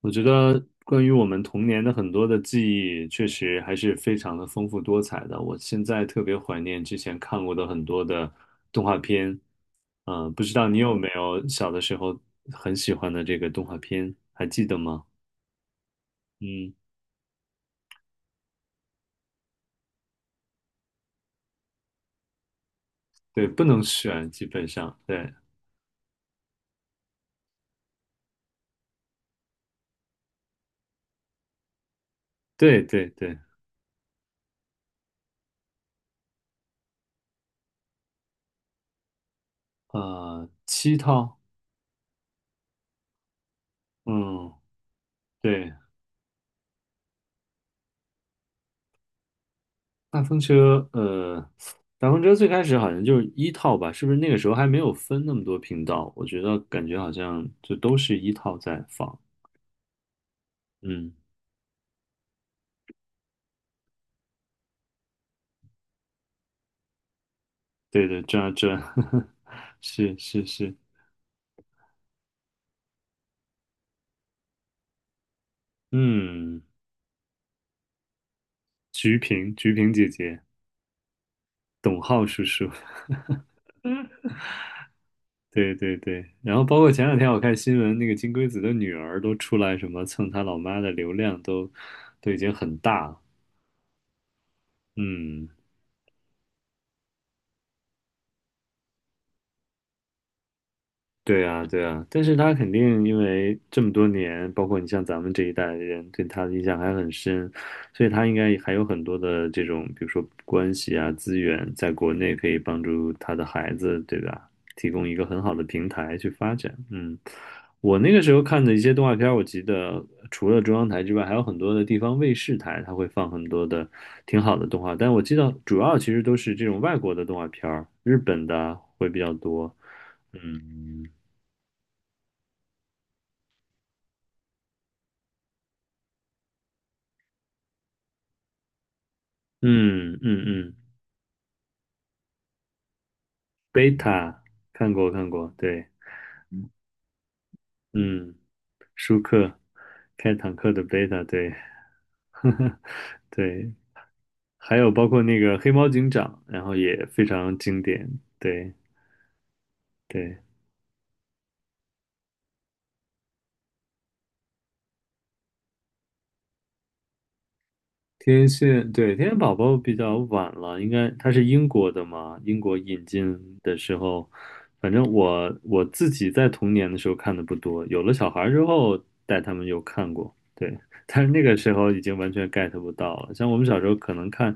我觉得关于我们童年的很多的记忆，确实还是非常的丰富多彩的。我现在特别怀念之前看过的很多的动画片，不知道你有没有小的时候很喜欢的这个动画片，还记得吗？嗯，对，不能选，基本上，对，对对对，7套，嗯，对。大风车，呃，大风车最开始好像就是一套吧，是不是那个时候还没有分那么多频道？我觉得感觉好像就都是一套在放。嗯，对对，这 是是是，嗯，菊萍姐姐，董浩叔叔，对对对。然后包括前两天我看新闻，那个金龟子的女儿都出来什么蹭他老妈的流量都，都已经很大了。嗯，对啊，对啊，但是他肯定因为这么多年，包括你像咱们这一代的人对他的印象还很深，所以他应该还有很多的这种，比如说关系啊、资源，在国内可以帮助他的孩子，对吧？提供一个很好的平台去发展。嗯，我那个时候看的一些动画片儿，我记得除了中央台之外，还有很多的地方卫视台，它会放很多的挺好的动画，但我记得主要其实都是这种外国的动画片儿，日本的会比较多。嗯，嗯嗯嗯，贝塔，看过看过，对，嗯，舒克开坦克的贝塔，对，对，还有包括那个黑猫警长，然后也非常经典，对对。天线，对，天线宝宝比较晚了，应该它是英国的嘛？英国引进的时候，反正我自己在童年的时候看的不多，有了小孩之后带他们有看过，对，但是那个时候已经完全 get 不到了。像我们小时候可能看，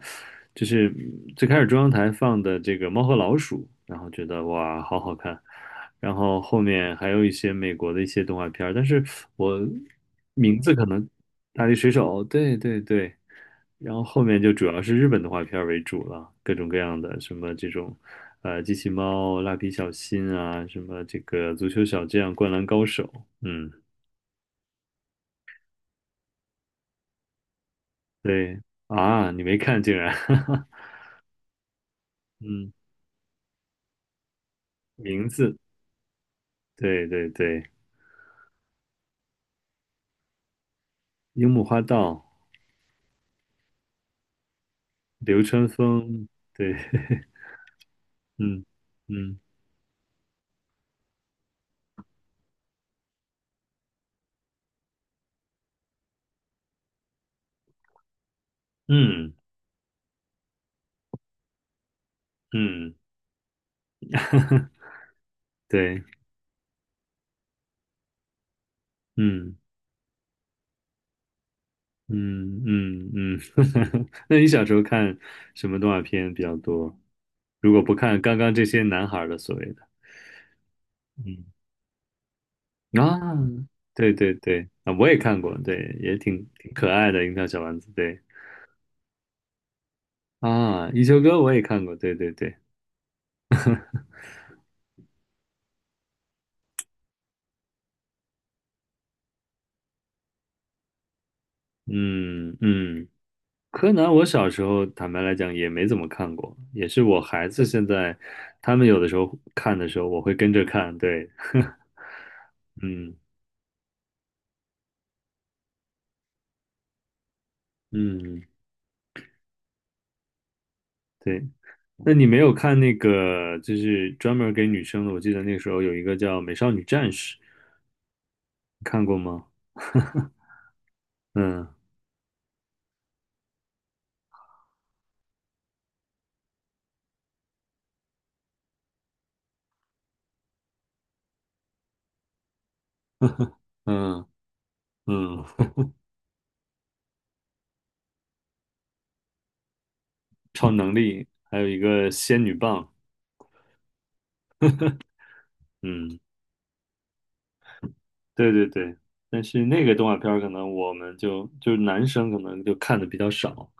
就是最开始中央台放的这个《猫和老鼠》，然后觉得哇，好好看，然后后面还有一些美国的一些动画片儿，但是我名字可能《大力水手》，对对对。然后后面就主要是日本动画片儿为主了，各种各样的什么这种，机器猫、蜡笔小新啊，什么这个足球小将、灌篮高手，嗯，对啊，你没看竟然，嗯，名字，对对对，樱木花道、流川枫，对，嗯嗯嗯嗯，对，嗯。嗯嗯嗯，那你小时候看什么动画片比较多？如果不看刚刚这些男孩儿的所谓的，嗯啊，对对对啊，我也看过，对，也挺可爱的《樱桃小丸子》，对啊，《一休哥》我也看过，对对对，嗯嗯，柯南我小时候坦白来讲也没怎么看过，也是我孩子现在他们有的时候看的时候，我会跟着看，对，嗯嗯，对，那你没有看那个，就是专门给女生的？我记得那个时候有一个叫《美少女战士》，你看过吗？嗯嗯嗯，超能力，还有一个仙女棒，嗯。对对对，但是那个动画片儿可能我们就是男生可能就看的比较少，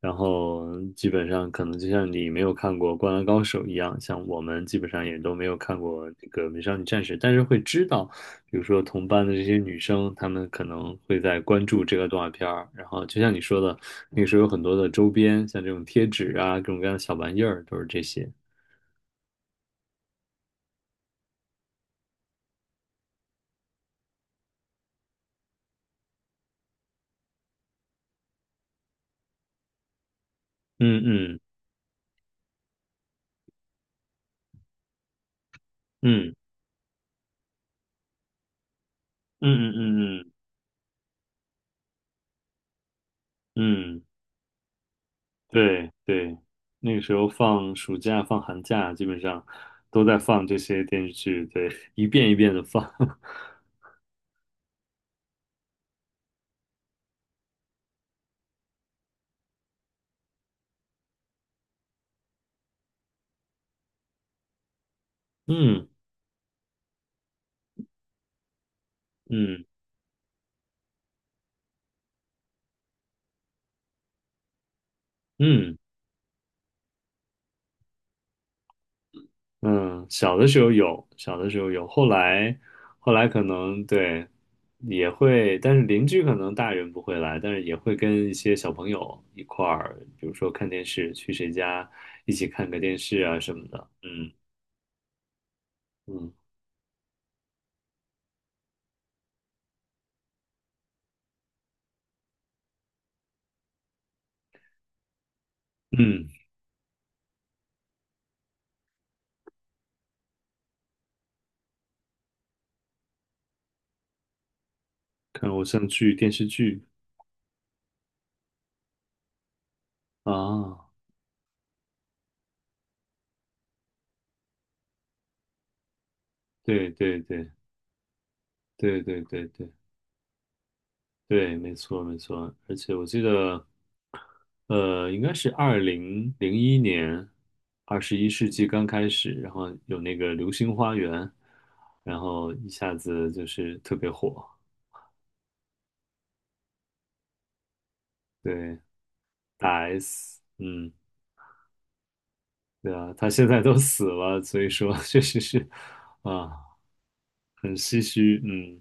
然后基本上可能就像你没有看过《灌篮高手》一样，像我们基本上也都没有看过这个《美少女战士》，但是会知道，比如说同班的这些女生，她们可能会在关注这个动画片儿，然后就像你说的，那个时候有很多的周边，像这种贴纸啊，各种各样的小玩意儿，都是这些。嗯嗯嗯嗯嗯嗯嗯嗯。嗯，对对，那个时候放暑假、放寒假，基本上都在放这些电视剧，对，一遍一遍的放。嗯嗯嗯嗯，小的时候有，小的时候有，后来可能对也会，但是邻居可能大人不会来，但是也会跟一些小朋友一块儿，比如说看电视，去谁家一起看个电视啊什么的。嗯嗯嗯，看偶像剧、电视剧啊，对对对。对对对对对，没错没错，而且我记得，应该是2001年，21世纪刚开始，然后有那个《流星花园》，然后一下子就是特别火。对，大 S，嗯，对啊，他现在都死了，所以说 确实是啊，很唏嘘，嗯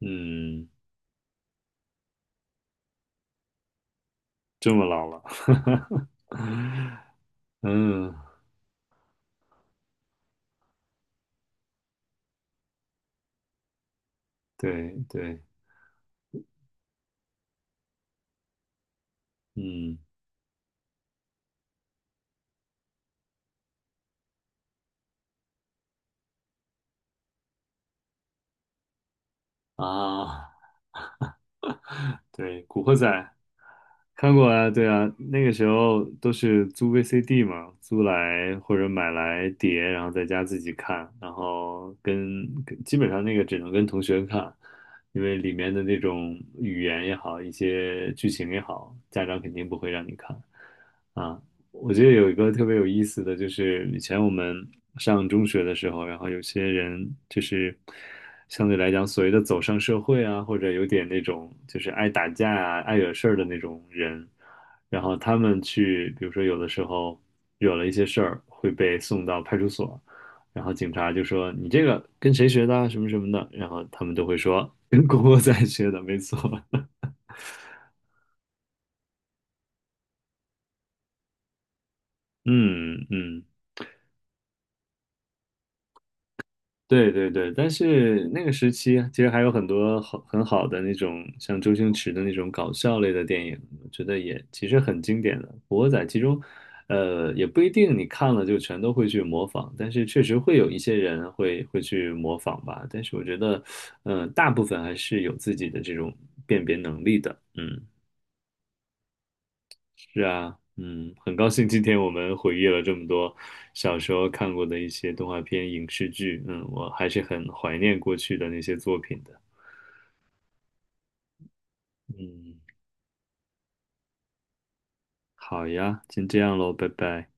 嗯，这么老了，嗯，对对，嗯啊。对，《古惑仔》看过啊，对啊，那个时候都是租 VCD 嘛，租来或者买来碟，然后在家自己看，然后跟基本上那个只能跟同学看，因为里面的那种语言也好，一些剧情也好，家长肯定不会让你看啊。我觉得有一个特别有意思的，就是以前我们上中学的时候，然后有些人就是相对来讲所谓的走上社会啊，或者有点那种就是爱打架啊、爱惹事儿的那种人，然后他们去，比如说有的时候惹了一些事儿，会被送到派出所，然后警察就说你这个跟谁学的啊，什么什么的，然后他们都会说跟郭 仔学的，没错，嗯嗯。对对对，但是那个时期啊其实还有很多好很好的那种像周星驰的那种搞笑类的电影，我觉得也其实很经典的。古惑仔其中，也不一定你看了就全都会去模仿，但是确实会有一些人会去模仿吧。但是我觉得，大部分还是有自己的这种辨别能力的。嗯，是啊，嗯，很高兴今天我们回忆了这么多小时候看过的一些动画片、影视剧，嗯，我还是很怀念过去的那些作品的。嗯，好呀，先这样喽，拜拜。